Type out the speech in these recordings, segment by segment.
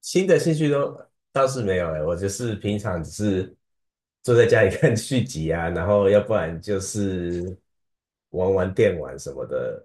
新的兴趣都倒是没有哎，我就是平常只是坐在家里看续集啊，然后要不然就是玩玩电玩什么的。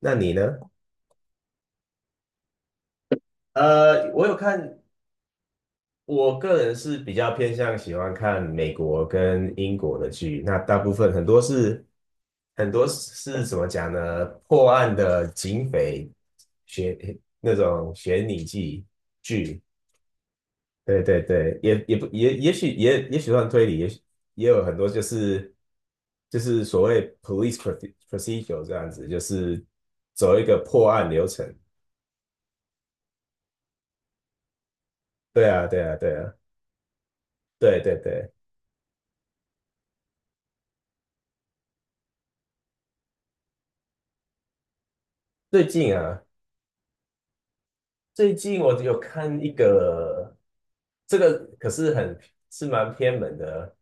那你呢？我有看，我个人是比较偏向喜欢看美国跟英国的剧，那大部分很多是怎么讲呢？破案的警匪悬那种悬疑剧，对对对，也也不也也许也也许算推理，也许也有很多就是所谓 police procedure 这样子，就是走一个破案流程。对啊，对啊，对啊，对对对。最近啊，最近我有看一个，这个可是是蛮偏门的，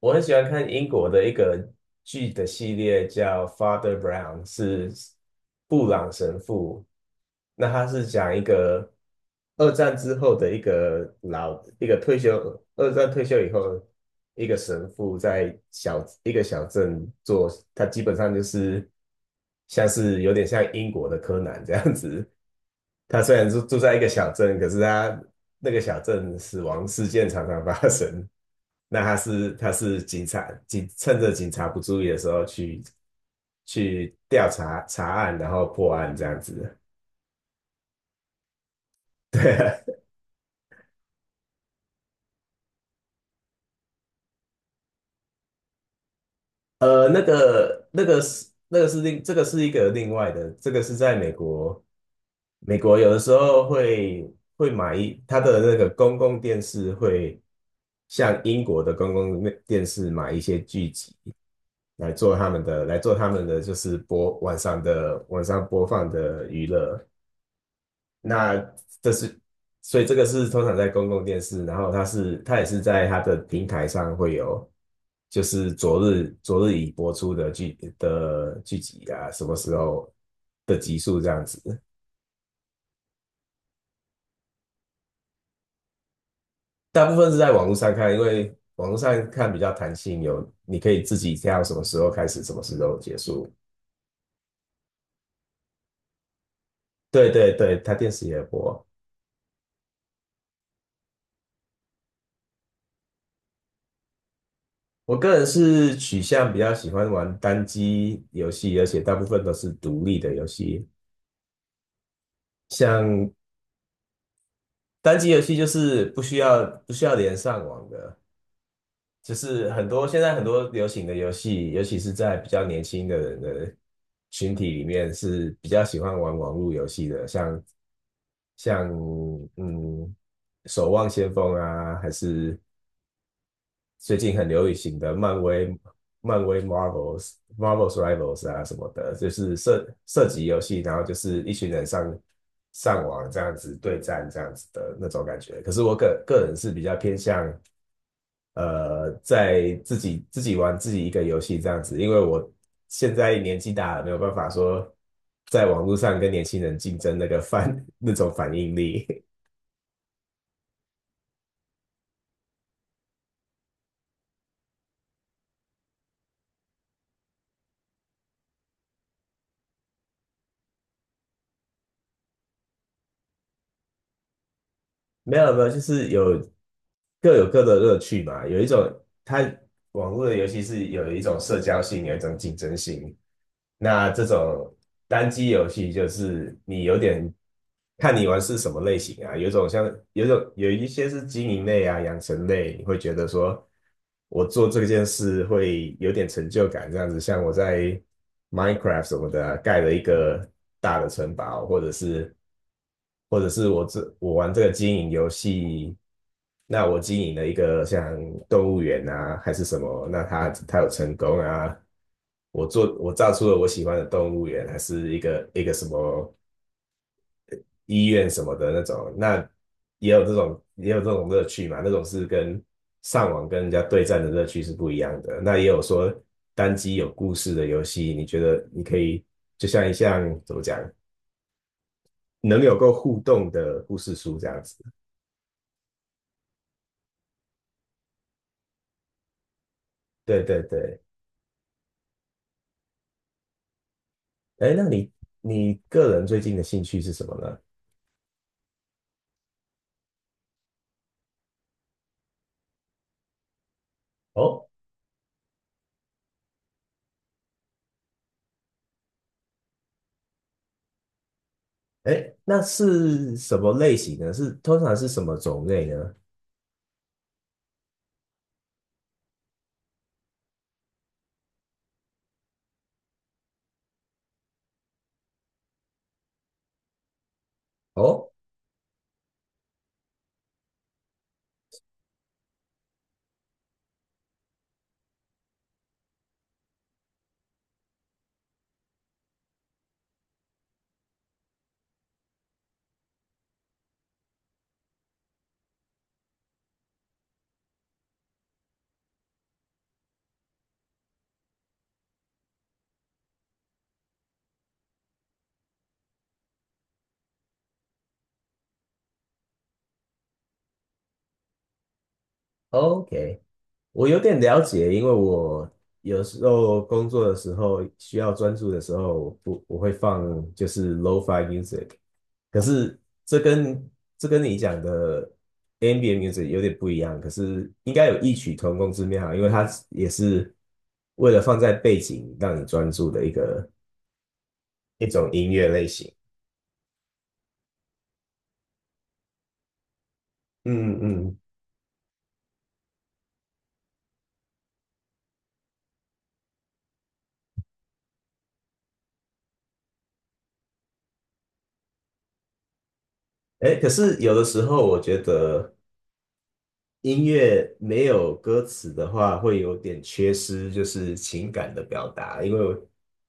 我很喜欢看英国的一个剧的系列，叫《Father Brown》，是布朗神父。那他是讲一个二战之后的一个老一个退休，二战退休以后，一个神父在一个小镇做，他基本上就是。像是有点像英国的柯南这样子。他虽然住在一个小镇，可是他那个小镇死亡事件常常发生。那他是警察，趁着警察不注意的时候去查案，然后破案这样子。对啊，那个那个是那个是另这个是一个另外的，这个是在美国。美国有的时候会它的那个公共电视会像英国的公共电视买一些剧集来做他们的就是播晚上的晚上播放的娱乐。那这是，所以这个是通常在公共电视，然后它也是在它的平台上会有，就是昨日已播出的剧集啊，什么时候的集数这样子。大部分是在网络上看，因为网络上看比较弹性，你可以自己挑什么时候开始，什么时候结束。对对对，它电视也播。我个人是取向比较喜欢玩单机游戏，而且大部分都是独立的游戏。像单机游戏就是不需要连上网的，就是现在很多流行的游戏，尤其是在比较年轻的人的群体里面是比较喜欢玩网络游戏的，像嗯《守望先锋》啊，还是最近很流行的漫威、漫威 Marvels、Marvels Rivals 啊什么的，就是涉及游戏，然后就是一群人上网这样子对战这样子的那种感觉。可是我个人是比较偏向在自己玩自己一个游戏这样子，因为我现在年纪大了，没有办法说在网络上跟年轻人竞争那个反 那种反应力。没有没有，就是各有各的乐趣嘛。有一种，它网络的游戏是有一种社交性，有一种竞争性。那这种单机游戏就是你有点看你玩是什么类型啊，有一种像有一种有一些是经营类啊、养成类，你会觉得说我做这件事会有点成就感，这样子。像我在 Minecraft 什么的啊盖了一个大的城堡，或者是我玩这个经营游戏，那我经营了一个像动物园啊，还是什么，那它有成功啊，我造出了我喜欢的动物园，还是一个什么医院什么的那种，那也有这种乐趣嘛，那种是跟上网跟人家对战的乐趣是不一样的。那也有说单机有故事的游戏，你觉得你可以就像一项怎么讲，能够互动的故事书这样子。对对对，哎，那你个人最近的兴趣是什么呢？哦，哎，那是什么类型呢？是通常是什么种类呢？哦，OK，我有点了解，因为我有时候工作的时候需要专注的时候，我不我会放就是 lo-fi music，可是这跟这跟你讲的 ambient music 有点不一样，可是应该有异曲同工之妙，因为它也是为了放在背景让你专注的一种音乐类型。嗯嗯，哎，可是有的时候我觉得音乐没有歌词的话，会有点缺失，就是情感的表达。因为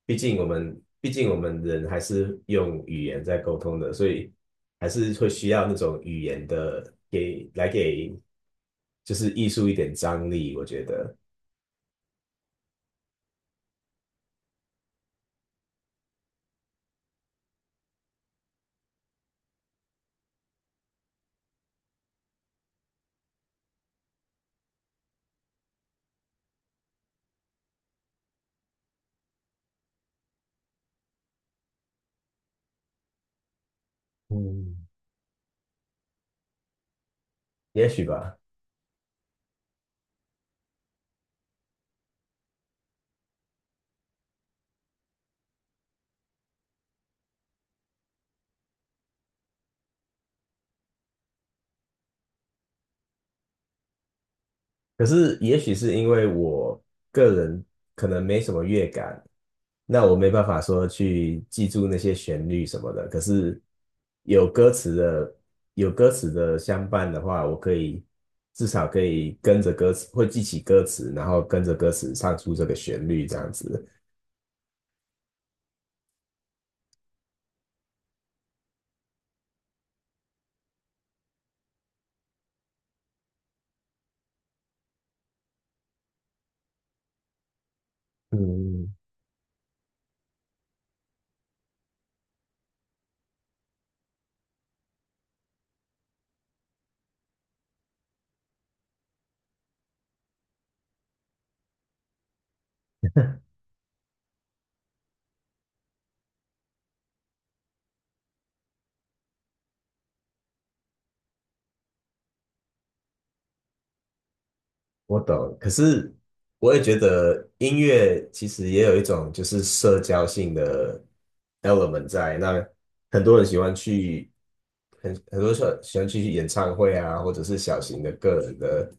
毕竟我们人还是用语言在沟通的，所以还是会需要那种语言的给来给，就是艺术一点张力。我觉得，嗯，也许吧。可是也许是因为我个人可能没什么乐感，那我没办法说去记住那些旋律什么的。可是有歌词的有歌词的相伴的话，我可以至少可以跟着歌词，会记起歌词，然后跟着歌词唱出这个旋律这样子。嗯，我懂，可是我也觉得音乐其实也有一种就是社交性的 element 在。那很多人喜欢去，很多人喜欢去演唱会啊，或者是小型的个人的，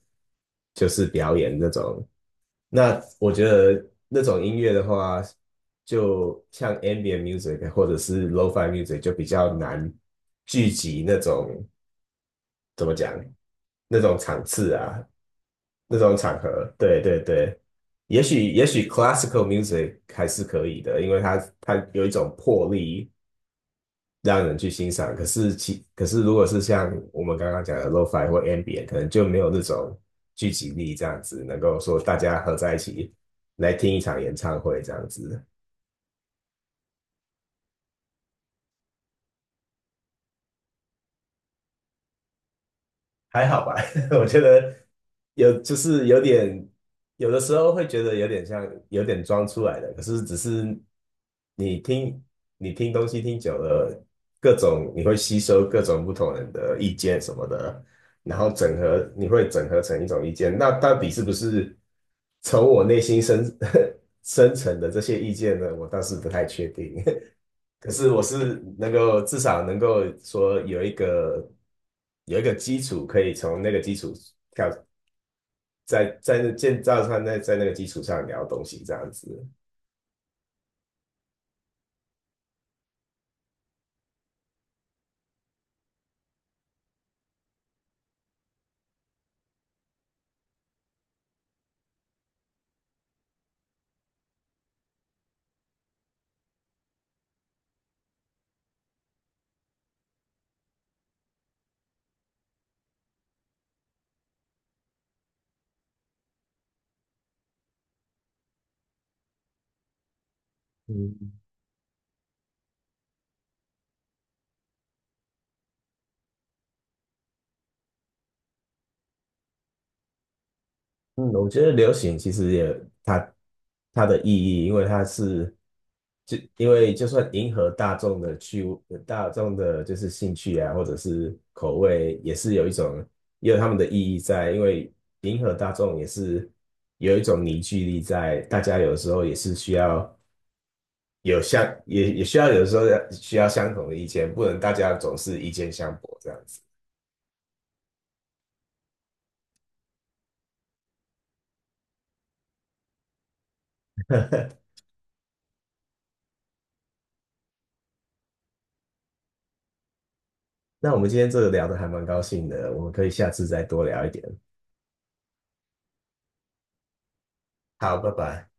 就是表演那种。那我觉得那种音乐的话，就像 ambient music 或者是 lo-fi music 就比较难聚集怎么讲那种场次啊。那种场合，对对对，也许 classical music 还是可以的，因为它有一种魄力让人去欣赏。可是如果是像我们刚刚讲的 lo-fi 或 ambient，可能就没有那种聚集力这样子，能够说大家合在一起来听一场演唱会这样子。还好吧，我觉得就是有点，有的时候会觉得有点装出来的，可是只是你听你听东西听久了，你会吸收各种不同人的意见什么的，然后你会整合成一种意见，那到底是不是从我内心深 深层的这些意见呢？我倒是不太确定。可是我是能够至少能够说有一个基础，可以从那个基础跳，在建造上，在那个基础上聊东西这样子。嗯，嗯，我觉得流行其实也它它的意义，因为就算迎合大众的趣味，大众的就是兴趣啊，或者是口味，也是有一种也有他们的意义在，因为迎合大众也是有一种凝聚力在，大家有的时候也是需要有相也也需要有的时候要需要相同的意见，不能大家总是意见相悖这样子。那我们今天聊得还蛮高兴的，我们可以下次再多聊一点。好，拜拜。